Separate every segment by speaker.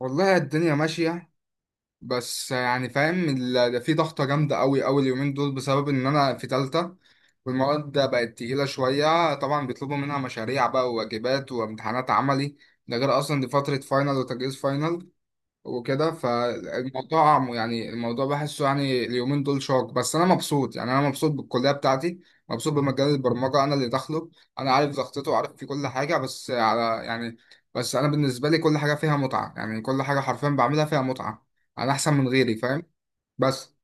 Speaker 1: والله الدنيا ماشية. بس يعني فاهم، ده في ضغطة جامدة أوي أوي اليومين دول بسبب إن أنا في تالتة. والمواد بقت تقيلة شوية، طبعا بيطلبوا منها مشاريع بقى وواجبات وامتحانات عملي. ده غير أصلا دي فترة فاينل وتجهيز فاينل. وكده يعني الموضوع بحسه يعني اليومين دول شاق. بس انا مبسوط، يعني انا مبسوط بالكليه بتاعتي. مبسوط بمجال البرمجه انا اللي داخله. انا عارف ضغطته وعارف في كل حاجه. بس على يعني بس انا بالنسبه لي كل حاجه فيها متعه، يعني كل حاجه حرفيا بعملها فيها متعه. انا احسن من غيري فاهم. بس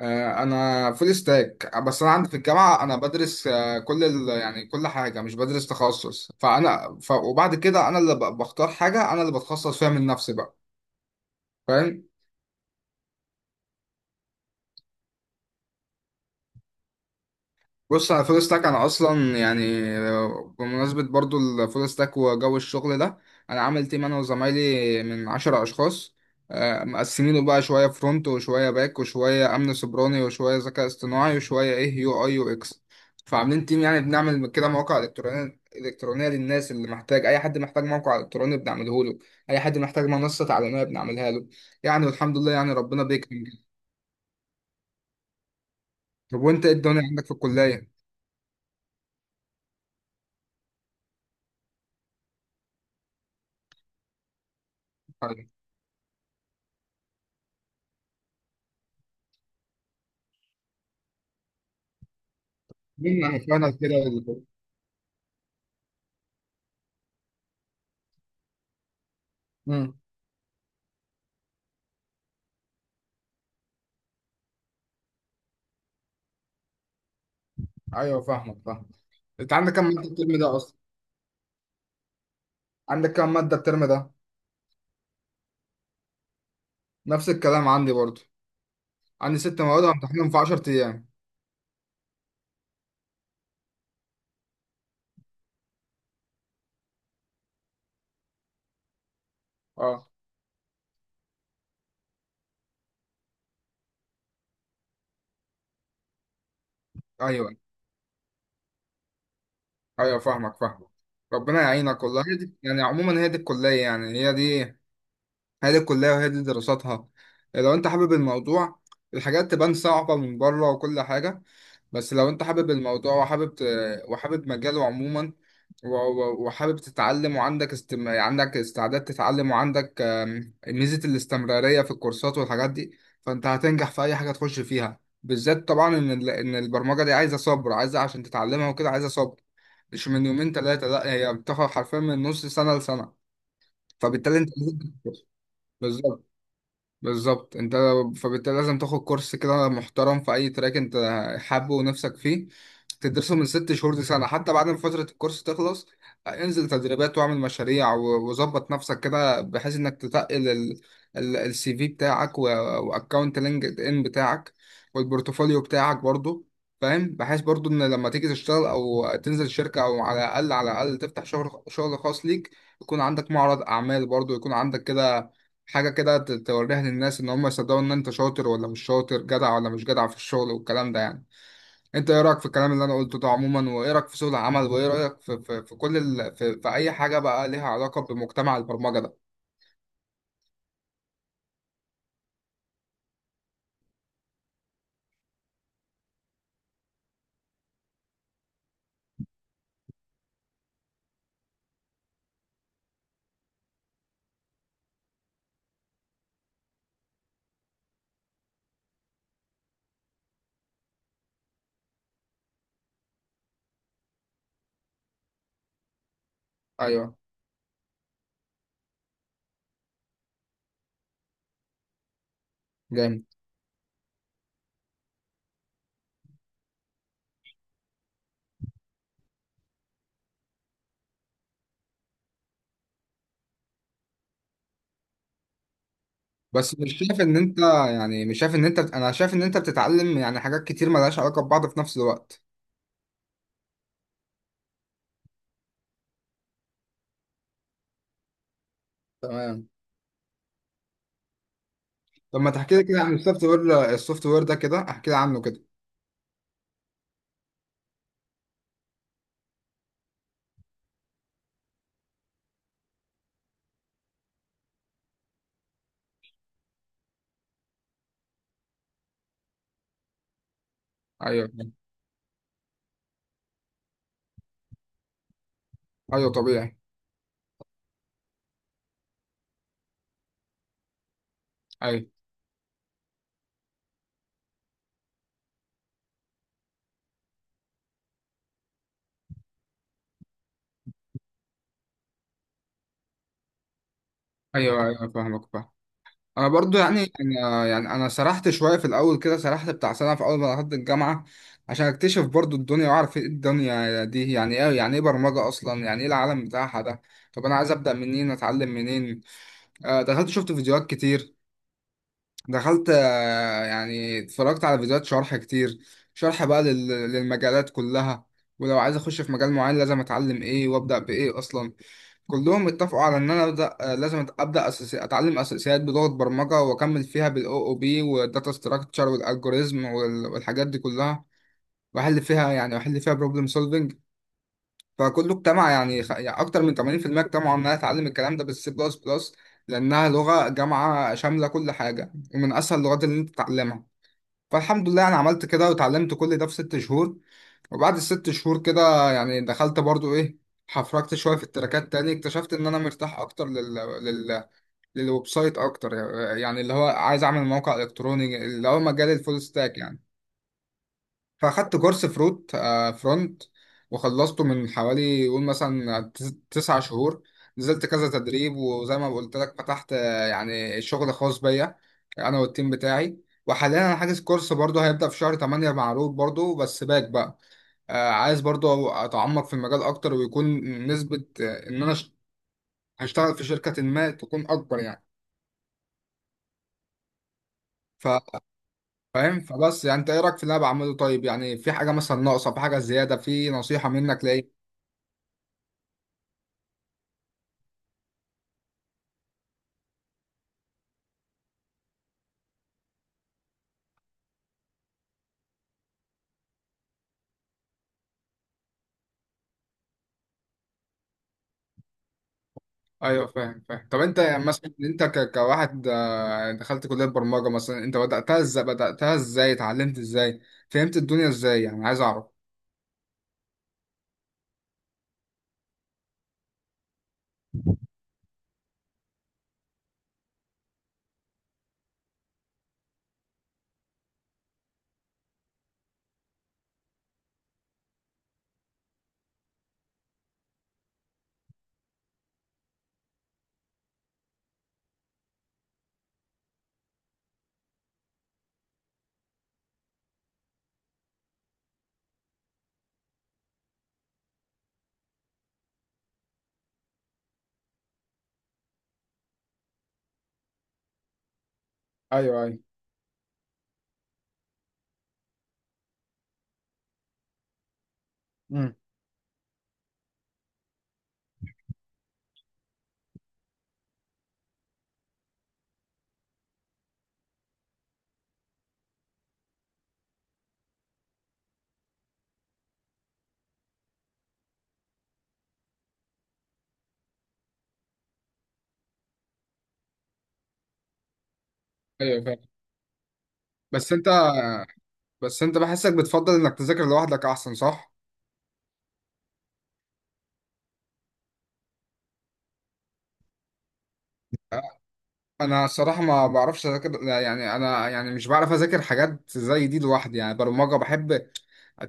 Speaker 1: انا فول ستاك. بس انا عندي في الجامعه انا بدرس، كل يعني كل حاجه مش بدرس تخصص. وبعد كده انا اللي بختار حاجه، انا اللي بتخصص فيها من نفسي بقى. فاهم. بص، على فول ستاك انا اصلا يعني بمناسبه برضو الفول ستاك وجو الشغل ده، انا عامل تيم انا وزمايلي من 10 اشخاص. مقسمينه بقى شويه فرونت وشويه باك وشويه امن سيبراني وشويه ذكاء اصطناعي وشويه ايه يو اي يو اكس. فعاملين تيم، يعني بنعمل كده مواقع الكترونيه الكترونيه للناس اللي محتاج. اي حد محتاج موقع الكتروني بنعمله له، اي حد محتاج منصه تعليميه بنعملها له. يعني والحمد لله يعني ربنا بيكرم. طب وانت ايه الدنيا عندك في الكليه؟ طيب. مين عرفنا كده. امم. ايوه فاهمك فاهم. انت عندك كام ماده الترم ده اصلا؟ عندك كام ماده الترم ده؟ نفس الكلام عندي برضو، عندي 6 مواد همتحنهم في 10 ايام. اه. ايوه ايوه فاهمك فاهمك. ربنا يعينك والله. هي دي يعني عموما هي دي الكليه، يعني هي دي الكلية وهي دي دراساتها. لو انت حابب الموضوع، الحاجات تبان صعبة من بره وكل حاجة. بس لو انت حابب الموضوع وحابب مجاله عموما، وحابب تتعلم وعندك عندك استعداد تتعلم، وعندك ميزة الاستمرارية في الكورسات والحاجات دي، فانت هتنجح في اي حاجة تخش فيها. بالذات طبعا ان البرمجة دي عايزة صبر، عايزة عشان تتعلمها وكده عايزة صبر. مش من يومين ثلاثة، لا، هي بتاخد حرفيا من نص سنة لسنة. فبالتالي انت لازم- تدرس. بالظبط بالظبط انت. فبالتالي لازم تاخد كورس كده محترم في اي تراك انت حابه ونفسك فيه، تدرسه من 6 شهور لسنة، حتى بعد ما فترة الكورس تخلص انزل تدريبات واعمل مشاريع وظبط نفسك كده بحيث انك تتقل السي في بتاعك، واكونت لينكد ان بتاعك، والبورتفوليو بتاعك برضو. فاهم. بحيث برضو ان لما تيجي تشتغل او تنزل شركة، او على الاقل على الاقل تفتح شغل شغل خاص ليك، يكون عندك معرض اعمال برضو، يكون عندك كده حاجة كده توريها للناس إن هم يصدقوا إن أنت شاطر ولا مش شاطر، جدع ولا مش جدع في الشغل والكلام ده يعني. أنت إيه رأيك في الكلام اللي أنا قلته ده عموما؟ وإيه رأيك في سوق العمل؟ وإيه رأيك في كل ال... في, في أي حاجة بقى ليها علاقة بمجتمع البرمجة ده؟ أيوه. جامد. بس مش شايف إن أنت، أنا شايف إن أنت بتتعلم يعني حاجات كتير ملهاش علاقة ببعض في نفس الوقت. تمام. طب ما تحكي لي كده عن السوفت وير ده، كده احكي لي عنه كده. أيوه. أيوه طبيعي. أيوه. أيوه. أيوه فاهمك فاهم. انا برضو يعني انا سرحت شويه في الاول كده، سرحت بتاع سنه في اول ما دخلت الجامعه، عشان اكتشف برضو الدنيا واعرف ايه الدنيا دي، يعني ايه، يعني ايه برمجه اصلا، يعني ايه العالم بتاعها ده. طب انا عايز ابدا منين، اتعلم منين؟ دخلت شفت فيديوهات كتير. دخلت يعني اتفرجت على فيديوهات شرح كتير، شرح بقى للمجالات كلها. ولو عايز اخش في مجال معين لازم اتعلم ايه وابدا بايه اصلا. كلهم اتفقوا على ان انا ابدا، لازم ابدا اتعلم اساسيات بلغه برمجه، واكمل فيها بالاو او بي والداتا ستراكشر والالجوريزم والحاجات دي كلها، واحل فيها يعني، واحل فيها بروبلم سولفنج. فكله اجتمع يعني، اكتر من 80% اجتمعوا ان انا اتعلم الكلام ده بالسي بلس بلس، لانها لغه جامعه شامله كل حاجه ومن اسهل اللغات اللي انت تتعلمها. فالحمد لله انا عملت كده وتعلمت كل ده في 6 شهور. وبعد الست شهور كده يعني دخلت برضو ايه، حفركت شويه في التراكات تاني، اكتشفت ان انا مرتاح اكتر لل... للويب سايت اكتر. يعني اللي هو عايز اعمل موقع الكتروني، اللي هو مجال الفول ستاك يعني. فاخدت كورس فروت آه فرونت، وخلصته من حوالي قول مثلا 9 شهور. نزلت كذا تدريب، وزي ما قلت لك فتحت يعني شغل خاص بيا انا والتيم بتاعي. وحاليا انا حاجز كورس برضه هيبدأ في شهر 8 مع روت برضه بس باك بقى. عايز برضو اتعمق في المجال اكتر، ويكون نسبة ان انا هشتغل في شركة ما تكون اكبر يعني. ف- فاهم. فبس يعني انت ايه رايك في اللي انا بعمله؟ طيب يعني في حاجة مثلا ناقصة، في حاجة زيادة، في نصيحة منك لايه؟ ايوه فاهم فاهم. طب انت يعني مثلا انت كواحد دخلت كلية برمجة مثلا، انت بدأتها ازاي، بدأتها ازاي اتعلمت ازاي فهمت الدنيا ازاي؟ يعني عايز اعرف. ايوه ايوه. مم. ايوه فاهم. بس انت بس انت بحسك بتفضل انك تذاكر لوحدك احسن، صح؟ انا الصراحه ما بعرفش اذاكر، يعني انا يعني مش بعرف اذاكر حاجات زي دي لوحدي. يعني برمجه بحب.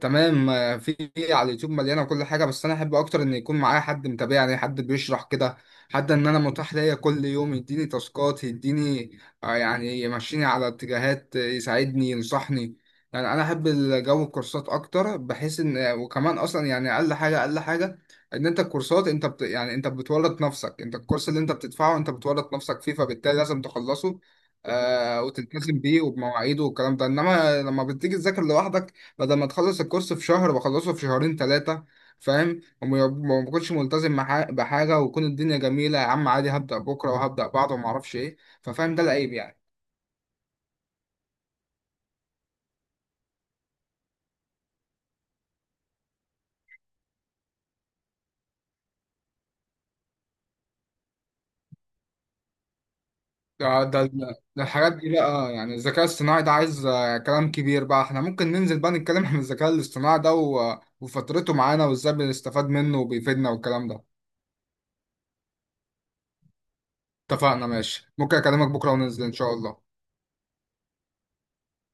Speaker 1: تمام. في على اليوتيوب مليانه وكل حاجه، بس انا احب اكتر ان يكون معايا حد متابعني، حد بيشرح كده، حد ان انا متاح ليا كل يوم يديني تاسكات يديني، يعني يمشيني على اتجاهات، يساعدني ينصحني. يعني انا احب الجو الكورسات اكتر، بحيث ان وكمان اصلا يعني اقل حاجه اقل حاجه، ان انت الكورسات يعني انت بتورط نفسك، انت الكورس اللي انت بتدفعه انت بتورط نفسك فيه، فبالتالي لازم تخلصه وتلتزم بيه وبمواعيده والكلام ده. انما لما بتيجي تذاكر لوحدك، بدل ما تخلص الكورس في شهر بخلصه في شهرين ثلاثة. فاهم. وما بكونش ملتزم مع بحاجة، ويكون الدنيا جميلة يا عم عادي هبدأ بكرة وهبدأ بعده وما اعرفش ايه. ففاهم ده العيب يعني. ده ده ده ده الحاجات دي بقى، يعني الذكاء الاصطناعي ده عايز كلام كبير بقى. احنا ممكن ننزل بقى نتكلم عن الذكاء الاصطناعي ده وفترته معانا وازاي بنستفاد منه وبيفيدنا والكلام ده. اتفقنا ماشي. ممكن اكلمك بكرة وننزل ان شاء الله.